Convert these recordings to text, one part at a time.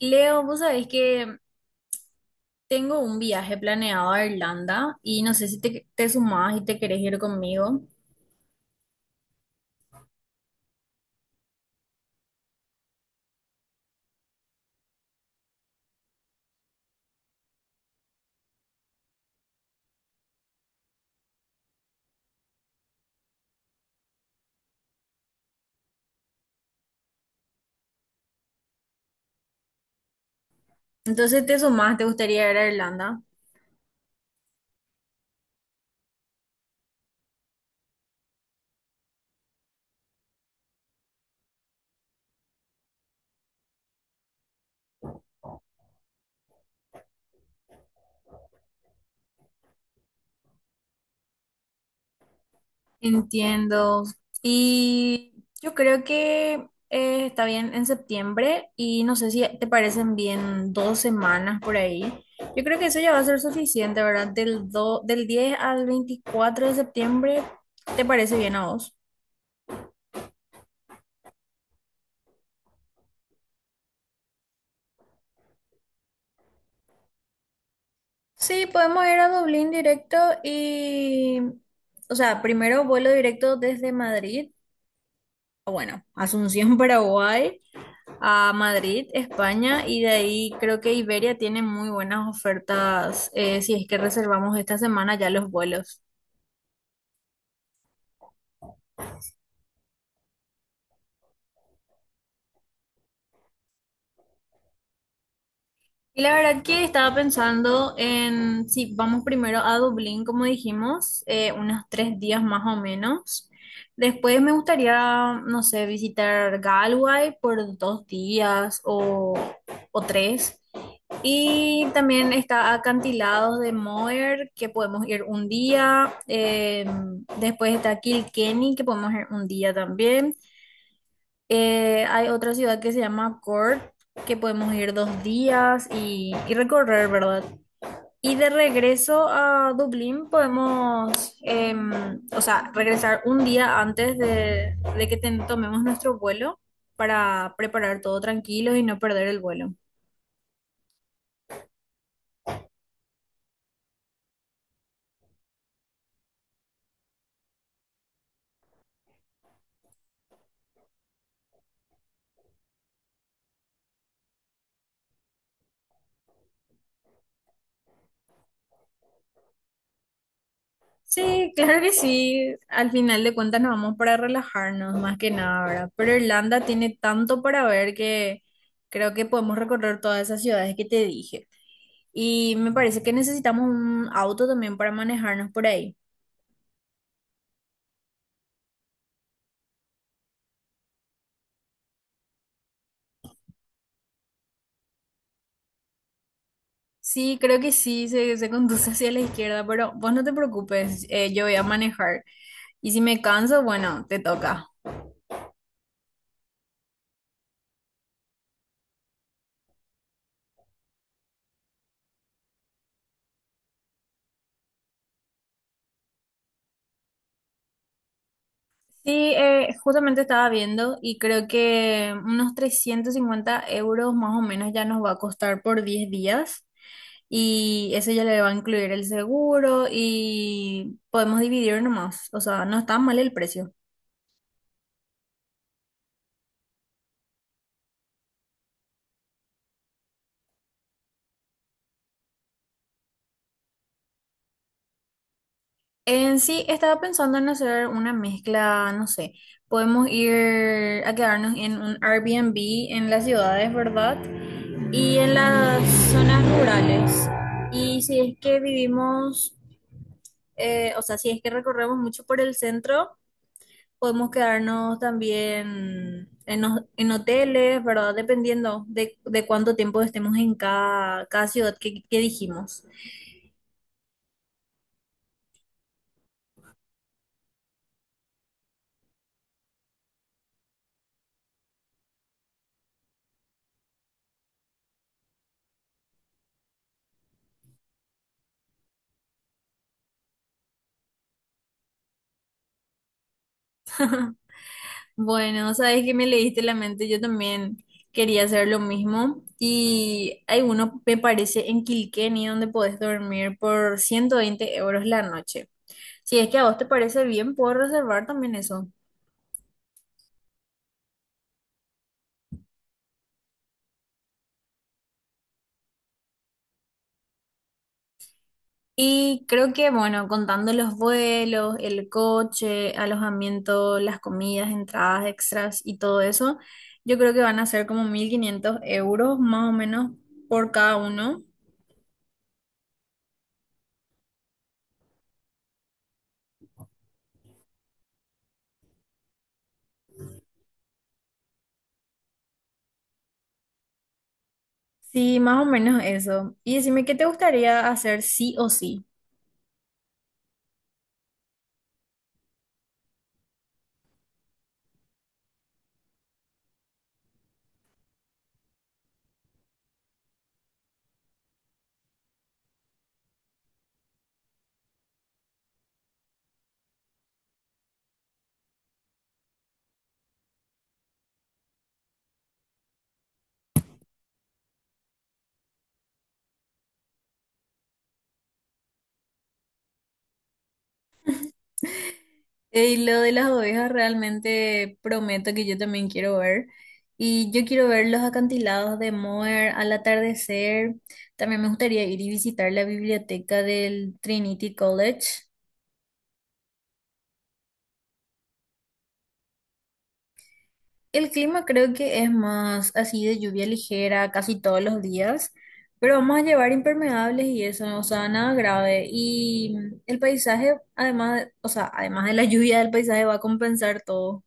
Leo, vos sabés que tengo un viaje planeado a Irlanda y no sé si te sumás y te querés ir conmigo. Entonces te sumás, te gustaría ir a Irlanda. Entiendo. Y yo creo que está bien en septiembre y no sé si te parecen bien 2 semanas por ahí. Yo creo que eso ya va a ser suficiente, ¿verdad? Del 10 al 24 de septiembre, ¿te parece bien a vos? Sí, podemos ir a Dublín directo y, o sea, primero vuelo directo desde Madrid, o bueno, Asunción, Paraguay, a Madrid, España, y de ahí creo que Iberia tiene muy buenas ofertas si es que reservamos esta semana ya los vuelos. Y la verdad que estaba pensando en si vamos primero a Dublín, como dijimos, unos 3 días más o menos. Después me gustaría, no sé, visitar Galway por 2 días o tres. Y también está Acantilados de Moher, que podemos ir un día. Después está Kilkenny, que podemos ir un día también. Hay otra ciudad que se llama Cork, que podemos ir 2 días y recorrer, ¿verdad? Y de regreso a Dublín podemos, o sea, regresar un día antes de que tomemos nuestro vuelo para preparar todo tranquilo y no perder el vuelo. Sí, claro que sí. Al final de cuentas nos vamos para relajarnos, más que nada, ¿verdad? Pero Irlanda tiene tanto para ver que creo que podemos recorrer todas esas ciudades que te dije. Y me parece que necesitamos un auto también para manejarnos por ahí. Sí, creo que sí, se conduce hacia la izquierda, pero vos no te preocupes, yo voy a manejar. Y si me canso, bueno, te toca. Sí, justamente estaba viendo y creo que unos 350 euros más o menos ya nos va a costar por 10 días y eso ya le va a incluir el seguro y podemos dividir nomás, o sea, no está mal el precio. En sí, estaba pensando en hacer una mezcla, no sé, podemos ir a quedarnos en un Airbnb en las ciudades, ¿verdad? Y en las zonas rurales. Y si es que vivimos o sea, si es que recorremos mucho por el centro, podemos quedarnos también en hoteles, ¿verdad? Dependiendo de cuánto tiempo estemos en cada ciudad que dijimos. Bueno, sabes que me leíste la mente, yo también quería hacer lo mismo. Y hay uno, me parece, en Kilkenny, donde podés dormir por 120 euros la noche. Si es que a vos te parece bien, puedo reservar también eso. Y creo que, bueno, contando los vuelos, el coche, alojamiento, las comidas, entradas extras y todo eso, yo creo que van a ser como 1500 euros más o menos por cada uno. Sí, más o menos eso. Y decime, ¿qué te gustaría hacer sí o sí? Y lo de las ovejas realmente prometo que yo también quiero ver. Y yo quiero ver los acantilados de Moher al atardecer. También me gustaría ir y visitar la biblioteca del Trinity College. El clima creo que es más así de lluvia ligera casi todos los días, pero vamos a llevar impermeables y eso, o sea, nada grave. Y el paisaje, además, o sea, además de la lluvia, el paisaje va a compensar todo.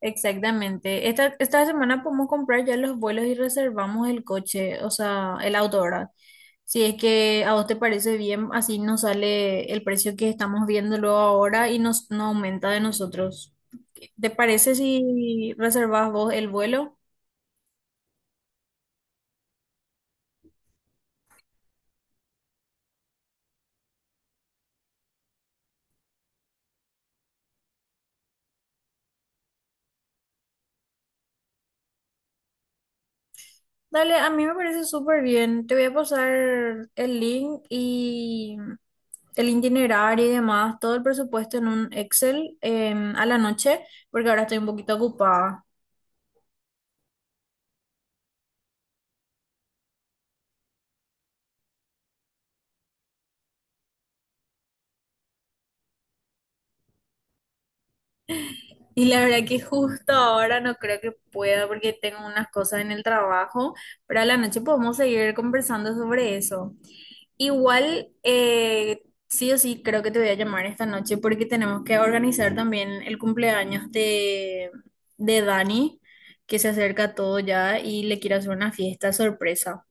Exactamente. Esta semana podemos comprar ya los vuelos y reservamos el coche, o sea, el auto, ¿verdad? Si es que a vos te parece bien, así nos sale el precio que estamos viéndolo ahora y nos, no aumenta de nosotros. ¿Te parece si reservas vos el vuelo? Dale, a mí me parece súper bien. Te voy a pasar el link y el itinerario y demás, todo el presupuesto en un Excel a la noche, porque ahora estoy un poquito ocupada. Y la verdad que justo ahora no creo que pueda porque tengo unas cosas en el trabajo, pero a la noche podemos seguir conversando sobre eso. Igual, sí o sí, creo que te voy a llamar esta noche porque tenemos que organizar también el cumpleaños de Dani, que se acerca todo ya y le quiero hacer una fiesta sorpresa.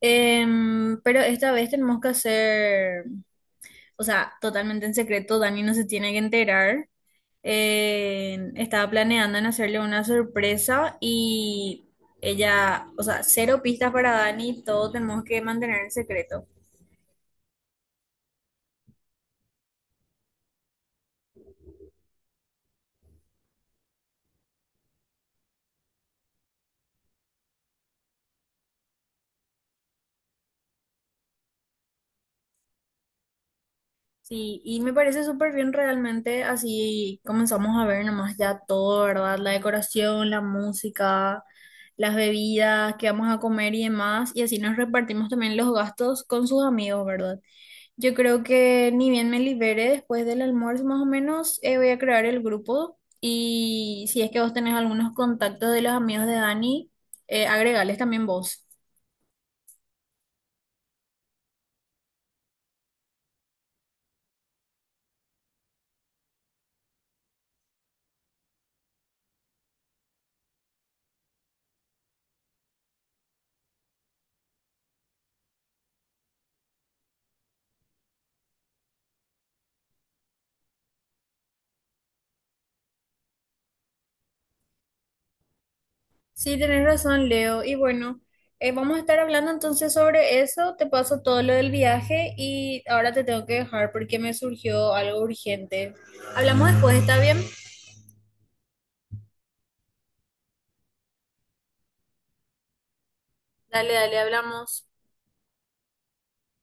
Pero esta vez tenemos que hacer, o sea, totalmente en secreto, Dani no se tiene que enterar. Estaba planeando en hacerle una sorpresa y ella, o sea, cero pistas para Dani, todo tenemos que mantener en secreto. Sí, y me parece súper bien realmente, así comenzamos a ver nomás ya todo, ¿verdad? La decoración, la música, las bebidas qué vamos a comer y demás, y así nos repartimos también los gastos con sus amigos, ¿verdad? Yo creo que ni bien me libere después del almuerzo, más o menos, voy a crear el grupo y si es que vos tenés algunos contactos de los amigos de Dani, agregales también vos. Sí, tenés razón, Leo. Y bueno, vamos a estar hablando entonces sobre eso. Te paso todo lo del viaje y ahora te tengo que dejar porque me surgió algo urgente. Hablamos después, ¿está bien? Dale, dale, hablamos.